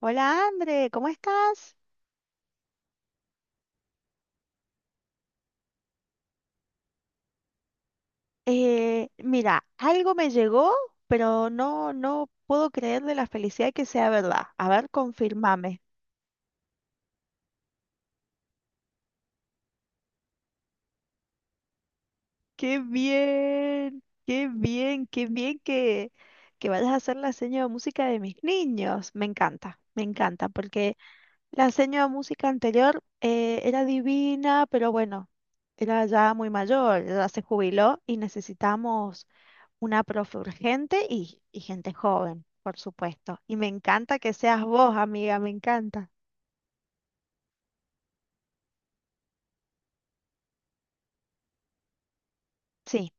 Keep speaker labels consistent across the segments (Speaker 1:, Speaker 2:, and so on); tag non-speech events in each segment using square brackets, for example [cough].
Speaker 1: Hola, André, ¿cómo estás? Mira, algo me llegó, pero no puedo creerle la felicidad que sea verdad. A ver, confirmame. Qué bien, qué bien, qué bien que vayas a hacer la seña de música de mis niños. Me encanta, porque la seña de música anterior era divina, pero bueno, era ya muy mayor, ya se jubiló y necesitamos una profe urgente y gente joven, por supuesto. Y me encanta que seas vos, amiga, me encanta. Sí,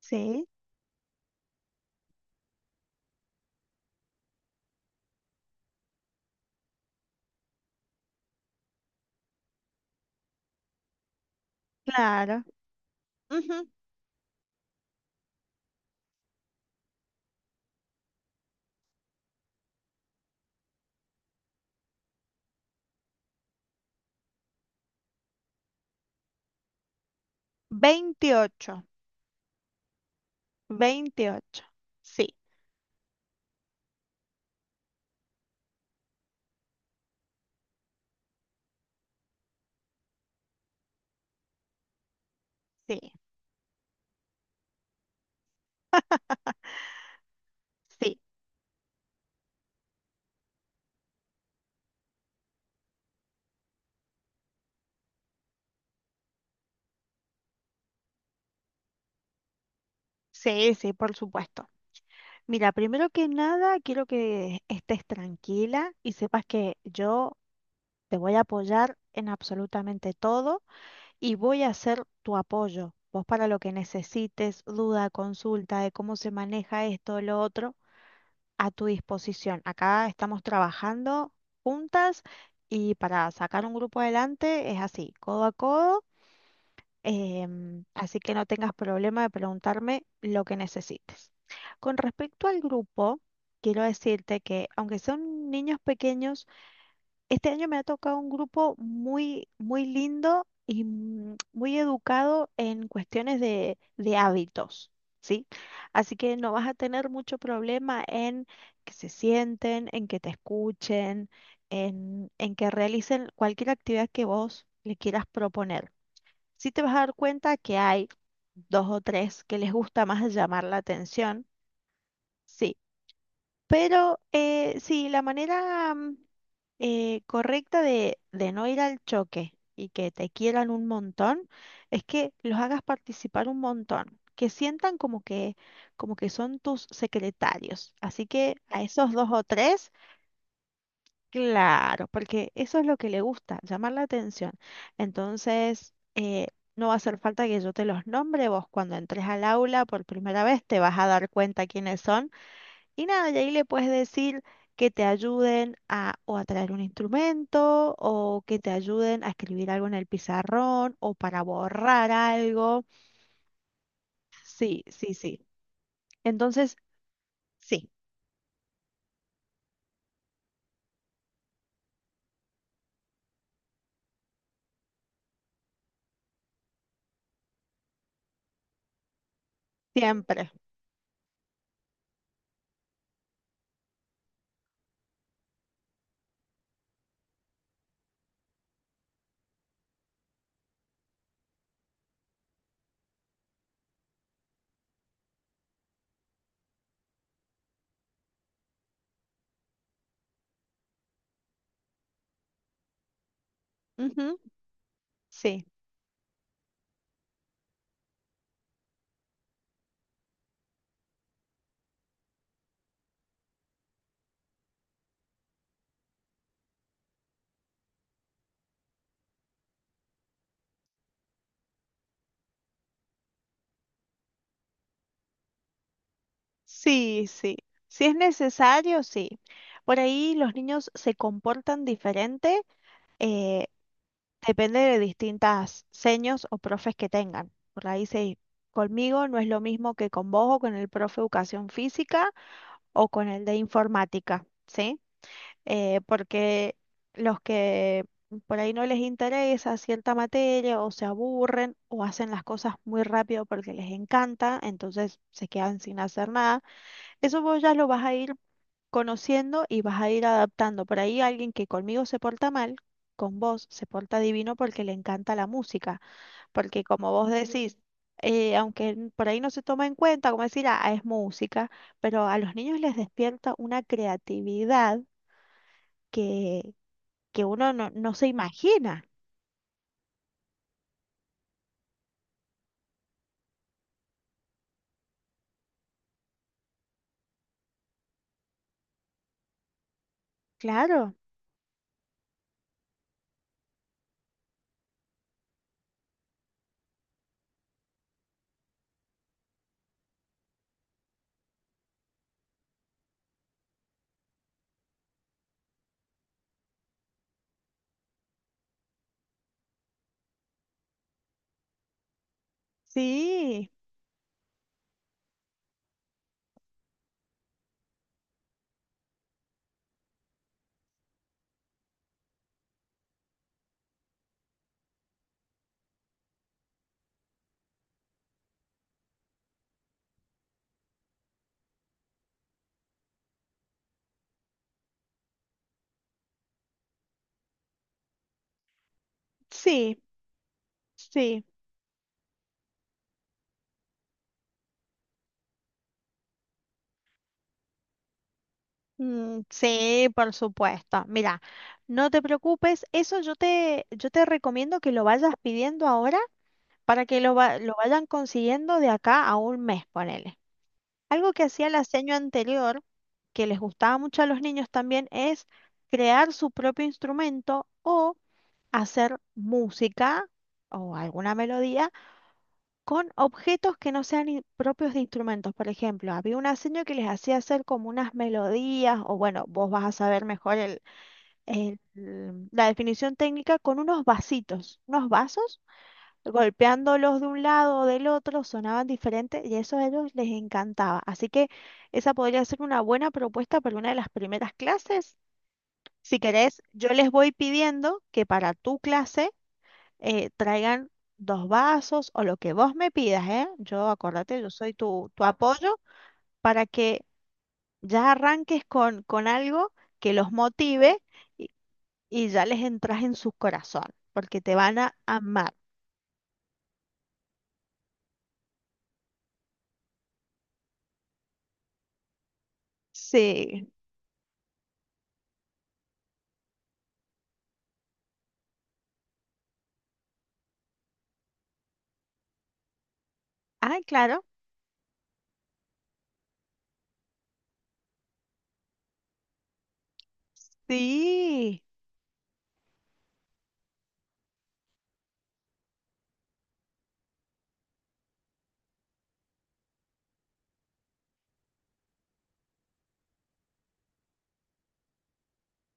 Speaker 1: sí, claro. Ujú. 28, 28. Sí, sí, sí, sí, sí, por supuesto. Mira, primero que nada, quiero que estés tranquila y sepas que yo te voy a apoyar en absolutamente todo y voy a ser tu apoyo. Vos para lo que necesites, duda, consulta de cómo se maneja esto, lo otro, a tu disposición. Acá estamos trabajando juntas y para sacar un grupo adelante es así, codo a codo, así que no tengas problema de preguntarme lo que necesites. Con respecto al grupo, quiero decirte que aunque son niños pequeños, este año me ha tocado un grupo muy, muy lindo y muy educado en cuestiones de hábitos, ¿sí? Así que no vas a tener mucho problema en que se sienten, en que te escuchen, en que realicen cualquier actividad que vos le quieras proponer. Sí te vas a dar cuenta que hay dos o tres que les gusta más llamar la atención. Sí, pero sí, la manera correcta de no ir al choque y que te quieran un montón es que los hagas participar un montón, que sientan como que son tus secretarios. Así que a esos dos o tres, claro, porque eso es lo que le gusta, llamar la atención. Entonces, no va a hacer falta que yo te los nombre, vos cuando entres al aula por primera vez te vas a dar cuenta quiénes son y nada, y ahí le puedes decir que te ayuden a o a traer un instrumento o que te ayuden a escribir algo en el pizarrón o para borrar algo. Sí, sí, sí. Entonces, sí, siempre. Ujú, sí, sí, sí. Si es necesario, sí. Por ahí los niños se comportan diferente, eh, depende de distintas seños o profes que tengan. Por ahí se... Conmigo no es lo mismo que con vos o con el profe de educación física, o con el de informática, ¿sí? Porque los que por ahí no les interesa cierta materia o se aburren o hacen las cosas muy rápido porque les encanta, entonces se quedan sin hacer nada. Eso vos ya lo vas a ir conociendo y vas a ir adaptando. Por ahí alguien que conmigo se porta mal, con vos se porta divino porque le encanta la música porque como vos decís, aunque por ahí no se toma en cuenta, como decir, ah, es música, pero a los niños les despierta una creatividad que, que uno no se imagina, claro. Sí, sí, sí. Mm, sí, por supuesto. Mira, no te preocupes, eso yo yo te recomiendo que lo vayas pidiendo ahora para que lo vayan consiguiendo de acá a un mes, ponele. Algo que hacía el aseño anterior, que les gustaba mucho a los niños también, es crear su propio instrumento o hacer música o alguna melodía con objetos que no sean propios de instrumentos. Por ejemplo, había un aseño que les hacía hacer como unas melodías, o bueno, vos vas a saber mejor el- la definición técnica, con unos vasitos, unos vasos golpeándolos de un lado o del otro, sonaban diferentes y eso a ellos les encantaba. Así que esa podría ser una buena propuesta para una de las primeras clases. Si querés, yo les voy pidiendo que para tu clase traigan dos vasos o lo que vos me pidas, ¿eh? Yo, acordate, yo soy tu apoyo para que ya arranques con algo que los motive y, y ya les entras en su corazón, porque te van a amar. Sí. Ah, claro. Sí,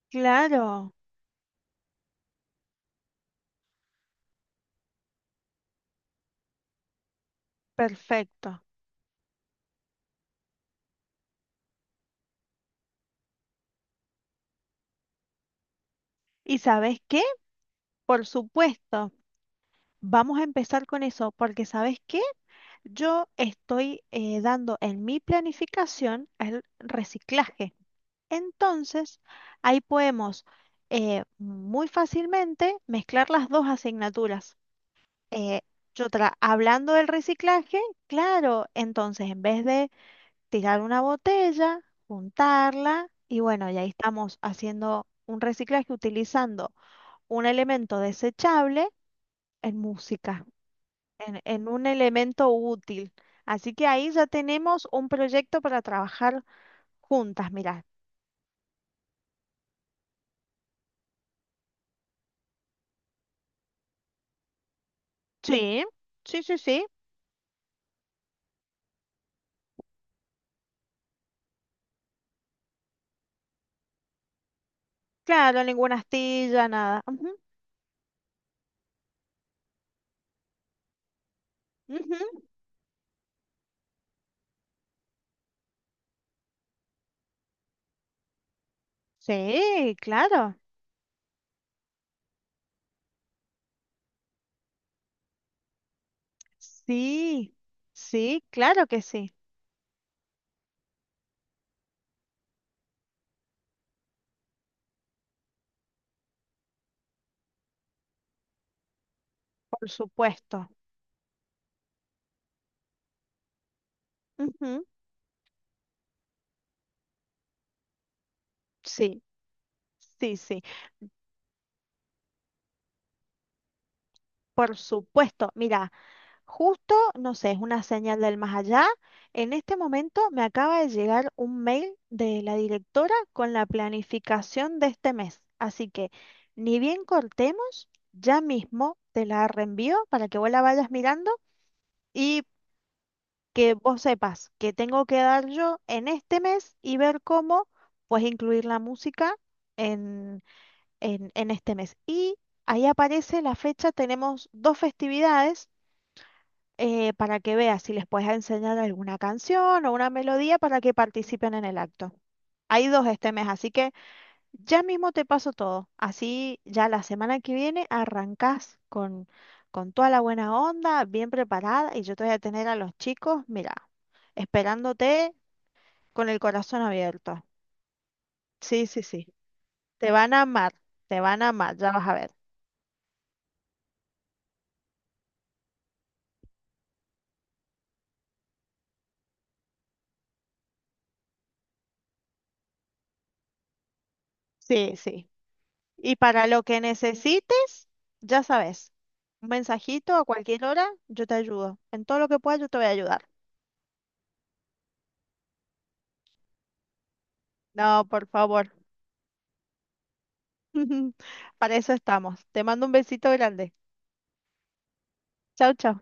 Speaker 1: claro, perfecto. ¿Y sabes qué? Por supuesto, vamos a empezar con eso, porque ¿sabes qué? Yo estoy dando en mi planificación el reciclaje. Entonces, ahí podemos muy fácilmente mezclar las dos asignaturas. Eh, yo hablando del reciclaje, claro, entonces en vez de tirar una botella, juntarla y bueno, ya ahí estamos haciendo un reciclaje utilizando un elemento desechable en música, en un elemento útil. Así que ahí ya tenemos un proyecto para trabajar juntas, mirá. Sí, sí, sí, sí. Claro, ninguna astilla, nada. Ujú, ujú. Sí, claro. Sí, sí, claro que sí, por supuesto. Ujú, sí, sí, sí. Por supuesto, mira, justo, no sé, es una señal del más allá. En este momento me acaba de llegar un mail de la directora con la planificación de este mes. Así que, ni bien cortemos, ya mismo te la reenvío para que vos la vayas mirando y que vos sepas que tengo que dar yo en este mes y ver cómo pues incluir la música en, en este mes. Y ahí aparece la fecha, tenemos dos festividades para que veas si les puedes enseñar alguna canción o una melodía para que participen en el acto. Hay dos este mes, así que ya mismo te paso todo. Así ya la semana que viene arrancás con toda la buena onda, bien preparada, y yo te voy a tener a los chicos, mira, esperándote con el corazón abierto. Sí, sí, sí. Te van a amar, te van a amar, ya vas a ver. Sí, sí. Y para lo que necesites, ya sabes, un mensajito a cualquier hora, yo te ayudo. En todo lo que pueda, yo te voy a ayudar. No, por favor. [laughs] Para eso estamos. Te mando un besito grande. Chau, chau.